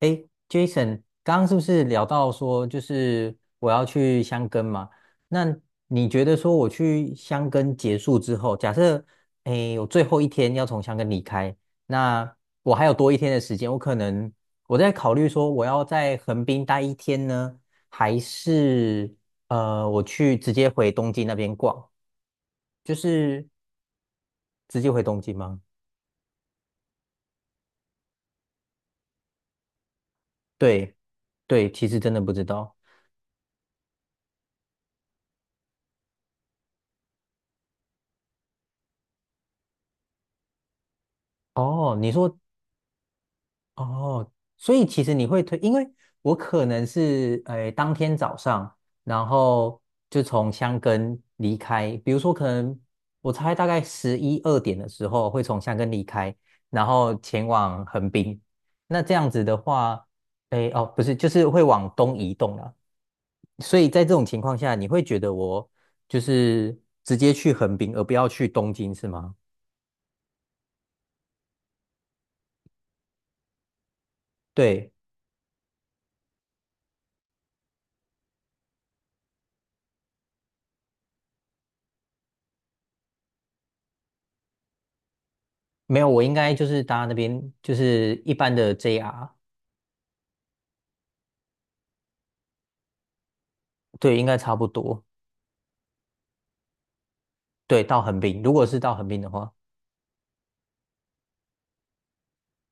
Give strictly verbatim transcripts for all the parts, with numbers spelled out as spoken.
哎 Jason，刚刚是不是聊到说，就是我要去箱根嘛？那你觉得说我去箱根结束之后，假设诶我最后一天要从箱根离开，那我还有多一天的时间，我可能我在考虑说，我要在横滨待一天呢，还是呃我去直接回东京那边逛，就是直接回东京吗？对对，其实真的不知道。哦，你说哦，所以其实你会推，因为我可能是诶、呃当天早上，然后就从箱根离开，比如说可能我猜大概十一二点的时候会从箱根离开，然后前往横滨。那这样子的话，诶、哦不是，就是会往东移动了。所以在这种情况下，你会觉得我就是直接去横滨，而不要去东京，是吗？对，没有，我应该就是搭那边就是一般的 J R，对，应该差不多。对，到横滨，如果是到横滨的话，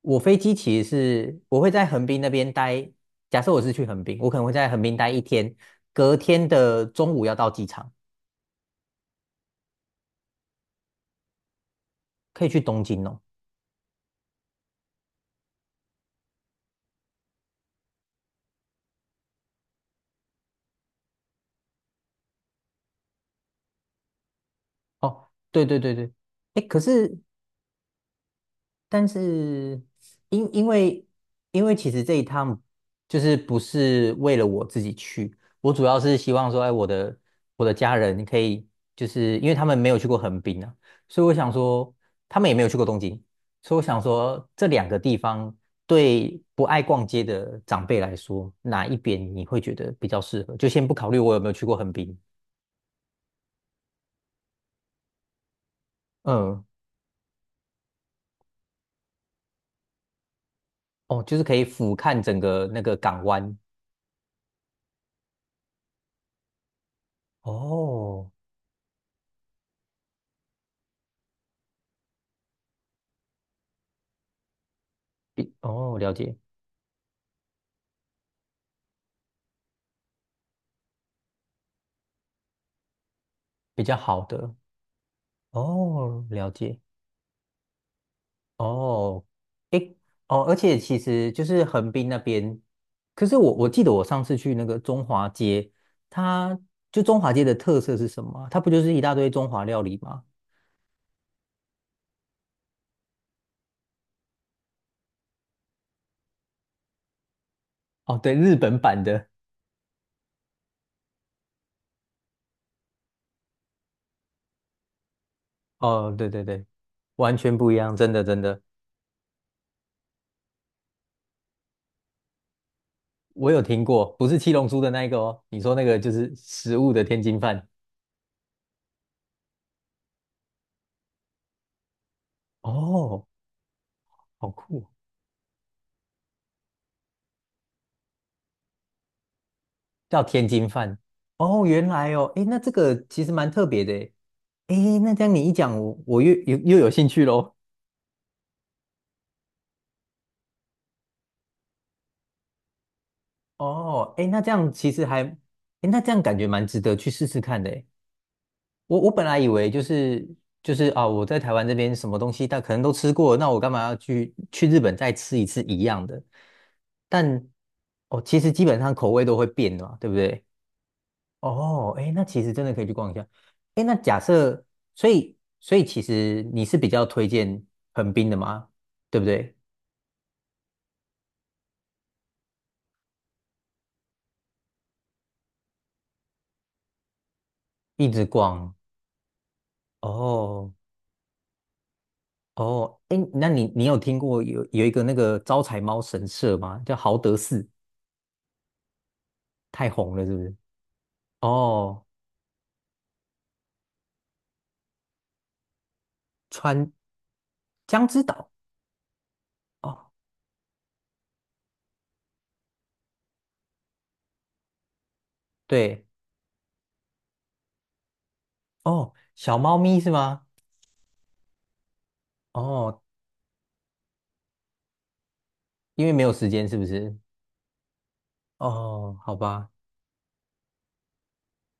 我飞机其实是我会在横滨那边待。假设我是去横滨，我可能会在横滨待一天，隔天的中午要到机场，可以去东京哦。哦，对对对对，哎，可是但是因因为因为其实这一趟就是不是为了我自己去，我主要是希望说，哎，我的我的家人可以，就是因为他们没有去过横滨啊，所以我想说，他们也没有去过东京，所以我想说，这两个地方对不爱逛街的长辈来说，哪一边你会觉得比较适合？就先不考虑我有没有去过横滨，嗯，哦，就是可以俯瞰整个那个港湾，哦，比哦，了解。比较好的哦，了解哦，诶哦，而且其实就是横滨那边，可是我我记得我上次去那个中华街，它就中华街的特色是什么啊它不就是一大堆中华料理吗？哦，对，日本版的，哦，对对对，完全不一样，真的真的，我有听过，不是七龙珠的那一个哦，你说那个就是食物的天津饭，哦，好酷哦叫天津饭。哦，原来哦，诶，那这个其实蛮特别的诶。诶那这样你一讲，我我又又又有兴趣喽。哦，诶，那这样其实还，诶，那这样感觉蛮值得去试试看的诶。我我本来以为就是就是啊，我在台湾这边什么东西但可能都吃过，那我干嘛要去去日本再吃一次一样的？但哦，其实基本上口味都会变的嘛，对不对？哦，哎，那其实真的可以去逛一下。哎，那假设，所以所以其实你是比较推荐横滨的吗？对不对？一直逛。哦哦，哎，那你你有听过有有一个那个招财猫神社吗？叫豪德寺，太红了是不是？哦，川江之岛。哦，对，哦，小猫咪是吗？哦，因为没有时间是不是？哦，好吧，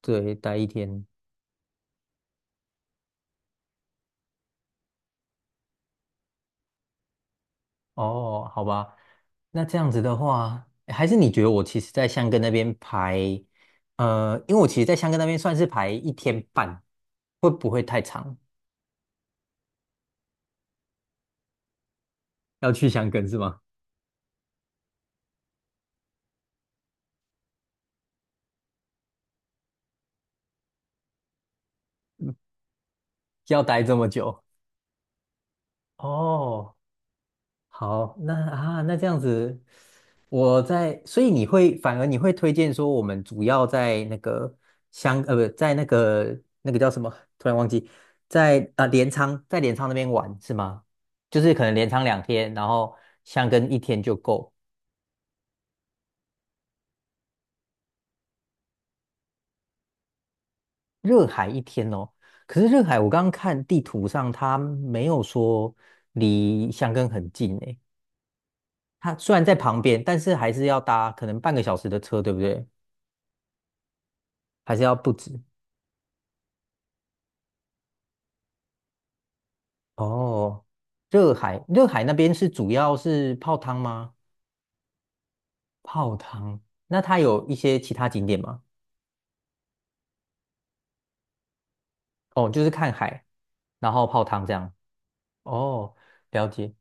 对，待一天。哦，好吧，那这样子的话，诶还是你觉得我其实在香根那边排，呃，因为我其实，在香根那边算是排一天半，会不会太长？要去香根是吗？要待这么久？哦，好，那啊，那这样子，我在，所以你会反而你会推荐说，我们主要在那个香，呃，不，在那个那个叫什么？突然忘记，在啊镰仓，在镰仓那边玩是吗？就是可能镰仓两天，然后箱根一天就够，热海一天哦。可是热海，我刚刚看地图上，它没有说离箱根很近诶，它虽然在旁边，但是还是要搭可能半个小时的车，对不对？还是要不止。哦，热海，热海那边是主要是泡汤吗？泡汤，那它有一些其他景点吗？哦，就是看海，然后泡汤这样。哦，了解。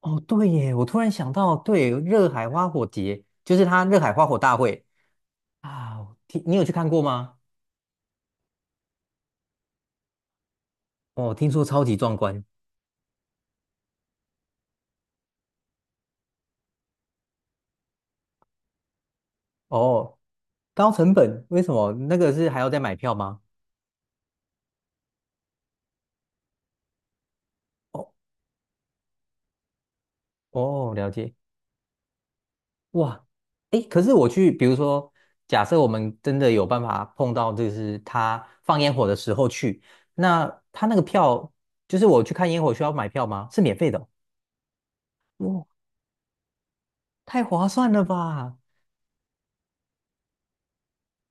哦，对耶，我突然想到，对，热海花火节就是它热海花火大会啊，我听你有去看过吗？哦，听说超级壮观。哦，高成本，为什么？那个是还要再买票吗？哦哦，了解。哇，诶，可是我去，比如说，假设我们真的有办法碰到，就是他放烟火的时候去，那他那个票，就是我去看烟火需要买票吗？是免费的哦哇，太划算了吧！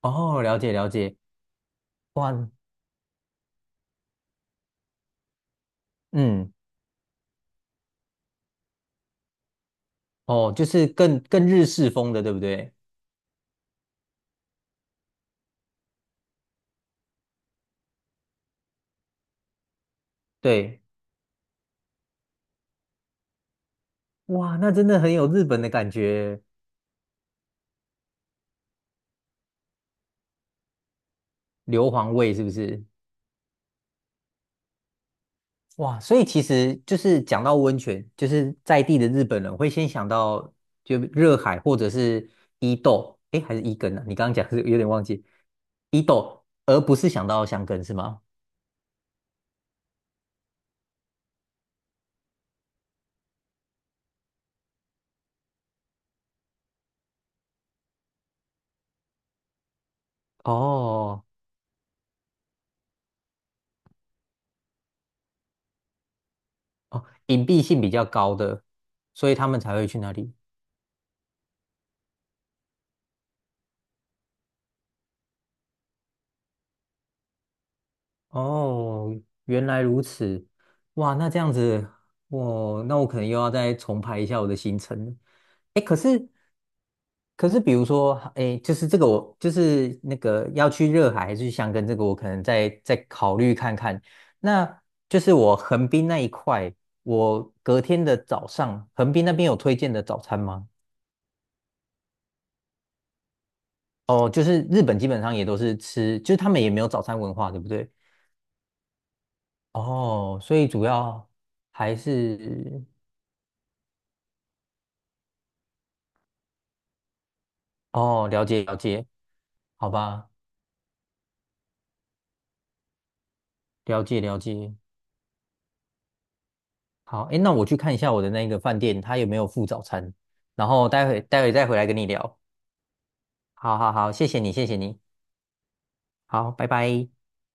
哦，了解了解，哇，嗯，哦，就是更更日式风的，对不对？对，哇，那真的很有日本的感觉，硫磺味是不是？哇，所以其实就是讲到温泉，就是在地的日本人会先想到就热海或者是伊豆，诶，还是伊根啊？你刚刚讲是有点忘记伊豆，而不是想到箱根是吗？哦哦，隐蔽性比较高的，所以他们才会去那里。哦，原来如此，哇，那这样子，我那我可能又要再重排一下我的行程了。哎，可是可是比如说，哎，就是这个我就是那个要去热海还是去箱根，这个我可能再再考虑看看。那就是我横滨那一块，我隔天的早上，横滨那边有推荐的早餐吗？哦，就是日本基本上也都是吃，就是他们也没有早餐文化，对不对？哦，所以主要还是哦，了解了解，好吧，了解了解。好，哎，那我去看一下我的那个饭店，他有没有附早餐，然后待会待会再回来跟你聊。好好好，谢谢你，谢谢你，好，拜拜。